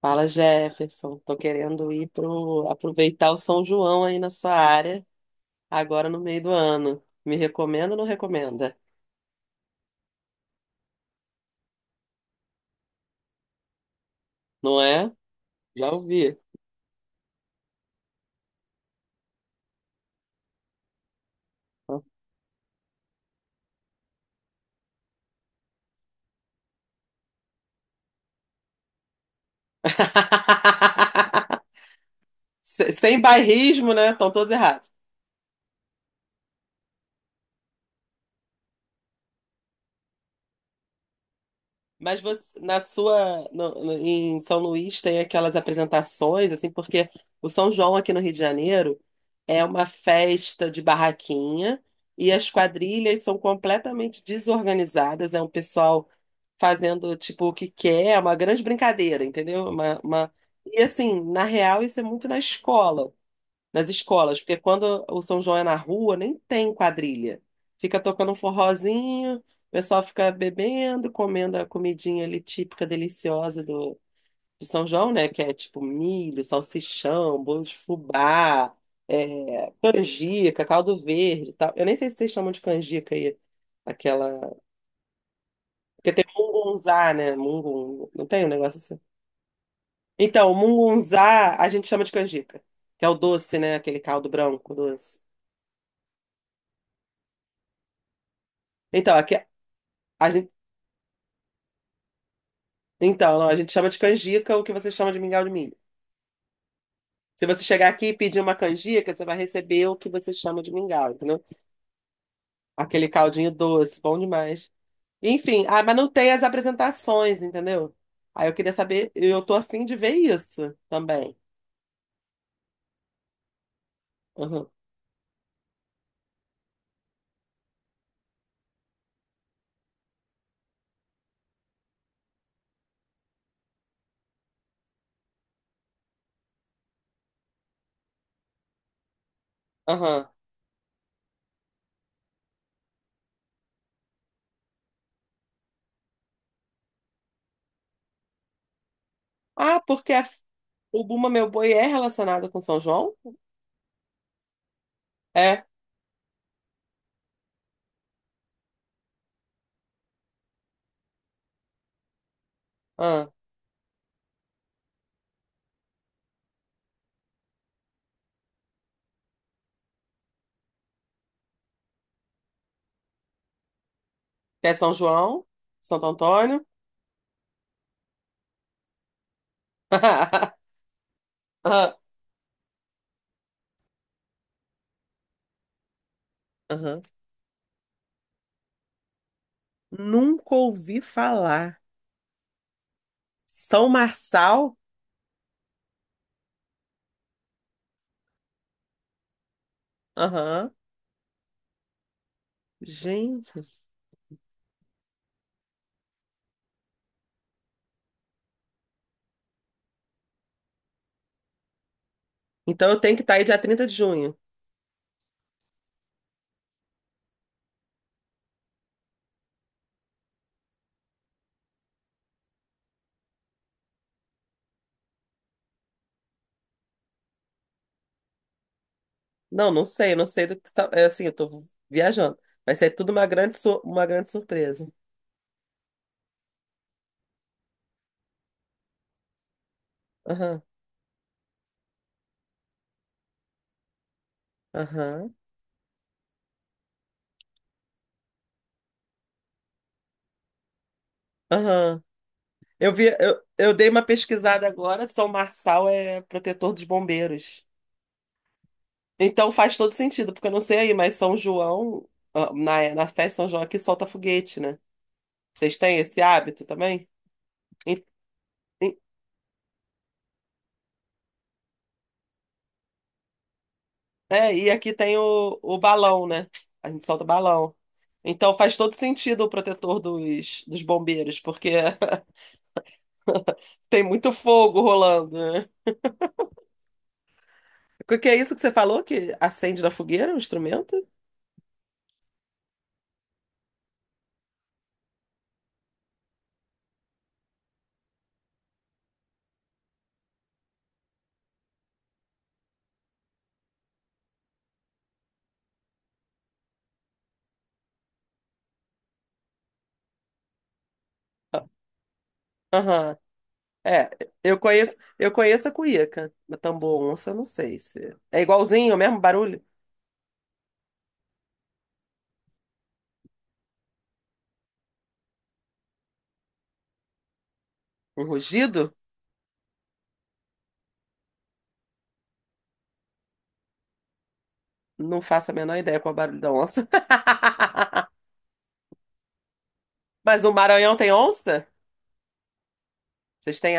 Fala, Jefferson. Tô querendo ir pro aproveitar o São João aí na sua área, agora no meio do ano. Me recomenda ou não recomenda? Não é? Já ouvi. Sem bairrismo, né? Estão todos errados. Mas você, na sua, no- no- em São Luís tem aquelas apresentações, assim, porque o São João aqui no Rio de Janeiro é uma festa de barraquinha e as quadrilhas são completamente desorganizadas, é um pessoal fazendo, tipo, o que quer, é uma grande brincadeira, entendeu? E, assim, na real, isso é muito na escola nas escolas, porque quando o São João é na rua, nem tem quadrilha. Fica tocando um forrozinho, o pessoal fica bebendo, comendo a comidinha ali típica, deliciosa de São João, né? Que é tipo milho, salsichão, bolo de fubá, canjica, caldo verde e tal. Eu nem sei se vocês chamam de canjica aí, aquela... Porque tem mungunzá, né? Mungun... Não tem um negócio assim? Então, o mungunzá a gente chama de canjica, que é o doce, né? Aquele caldo branco doce. Então, aqui, a gente, então, não, a gente chama de canjica o que você chama de mingau de milho. Se você chegar aqui e pedir uma canjica, você vai receber o que você chama de mingau, entendeu? Aquele caldinho doce, bom demais. Enfim, ah, mas não tem as apresentações, entendeu? Aí eu queria saber, eu tô afim de ver isso também. Uhum, aham. Ah, o Buma Meu Boi é relacionado com São João? É. Ah, é São João, Santo Antônio. Ah, aham. Nunca ouvi falar. São Marçal? Aham. Gente. Então eu tenho que estar aí dia 30 de junho. Não, não sei, não sei do que está. É assim, eu tô viajando. Vai ser tudo uma grande, uma grande surpresa. Aham, aham, aham. Eu vi, eu dei uma pesquisada agora, São Marçal é protetor dos bombeiros. Então faz todo sentido, porque eu não sei aí, mas São João, ah, na festa de São João aqui solta foguete, né? Vocês têm esse hábito também? En- en- É, e aqui tem o balão, né? A gente solta o balão. Então faz todo sentido o protetor dos bombeiros, porque tem muito fogo rolando, né? O que que é isso que você falou que acende na fogueira, o instrumento? Ah, aham. É, eu conheço a cuíca, da tambor onça, eu não sei se. É igualzinho, o mesmo barulho? Um rugido? Não faço a menor ideia qual é o barulho da onça. Mas o Maranhão tem onça? Vocês têm,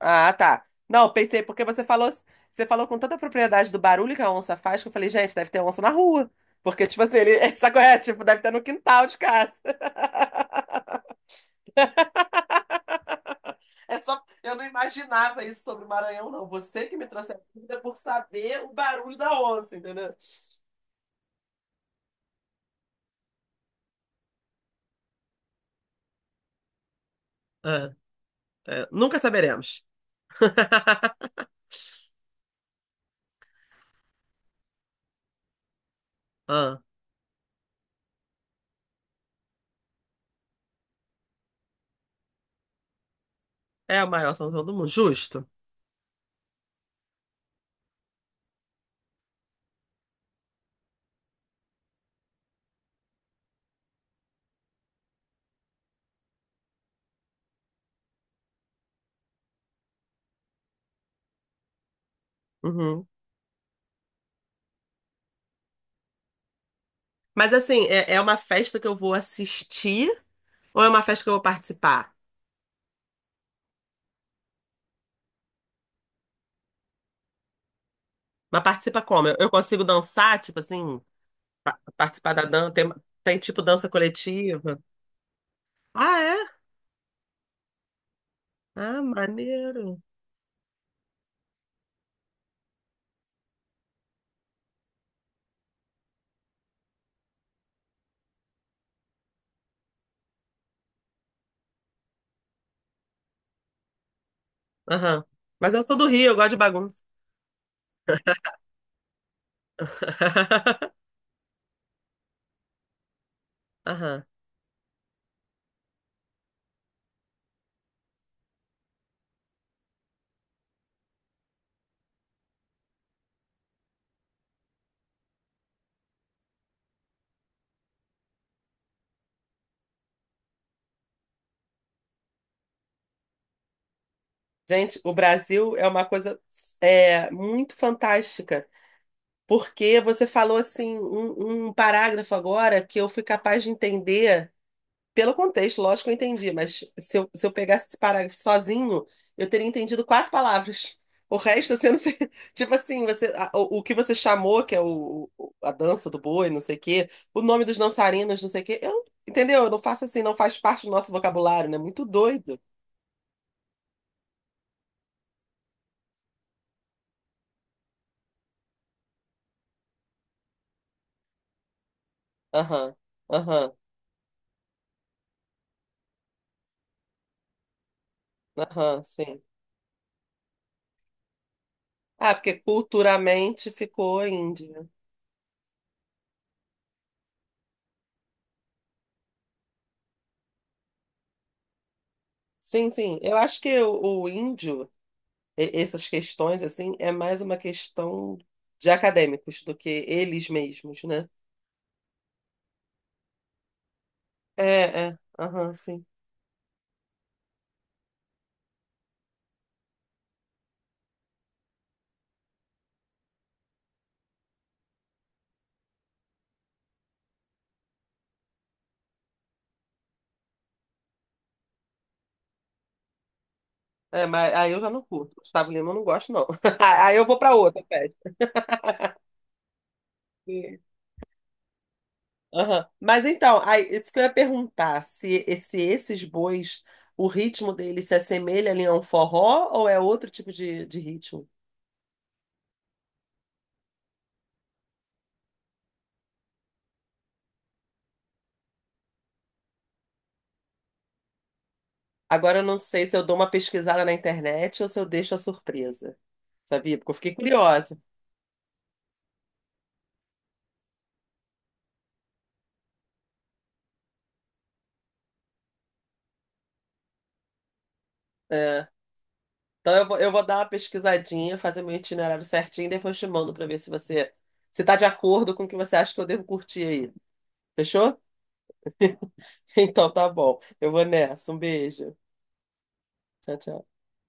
ah, tá. Não, pensei, porque você falou com tanta propriedade do barulho que a onça faz, que eu falei, gente, deve ter onça na rua. Porque, tipo assim, ele, sabe qual é? Tipo, deve ter no quintal de casa. É só, eu não imaginava isso sobre o Maranhão, não. Você que me trouxe a dúvida por saber o barulho da onça, entendeu? É, é, nunca saberemos. Ah, é a maior sanção do mundo, justo. Uhum. Mas assim, é uma festa que eu vou assistir ou é uma festa que eu vou participar? Mas participa como? Eu consigo dançar, tipo assim, participar da dança? Tem tipo dança coletiva? Ah, é? Ah, maneiro. Aham. Mas eu sou do Rio, eu gosto de bagunça. Aham. Gente, o Brasil é uma coisa é, muito fantástica. Porque você falou assim um parágrafo agora que eu fui capaz de entender. Pelo contexto, lógico que eu entendi, mas se eu pegasse esse parágrafo sozinho, eu teria entendido quatro palavras. O resto, assim, eu não sei. Tipo assim, você, o que você chamou, que é a dança do boi, não sei o quê, o nome dos dançarinos, não sei o quê, eu, entendeu? Eu não faço assim, não faz parte do nosso vocabulário, né? Muito doido. Aham, aham, aham, sim. Ah, porque culturalmente ficou índio, né? Sim, sim. Eu acho que o índio. E- essas questões, assim, é mais uma questão de acadêmicos do que eles mesmos, né? É, é, aham, sim. É, mas aí eu já não curto. Gustavo Lima eu não gosto, não. Aí eu vou para outra festa. Sim. Aham. Mas então, aí, isso que eu ia perguntar, se esses bois, o ritmo deles se assemelha ali a um forró ou é outro tipo de ritmo? Agora eu não sei se eu dou uma pesquisada na internet ou se eu deixo a surpresa, sabia? Porque eu fiquei curiosa. É. Então eu vou dar uma pesquisadinha, fazer meu itinerário certinho e depois te mando para ver se você se tá de acordo com o que você acha que eu devo curtir aí. Fechou? Então tá bom. Eu vou nessa. Um beijo. Tchau, tchau.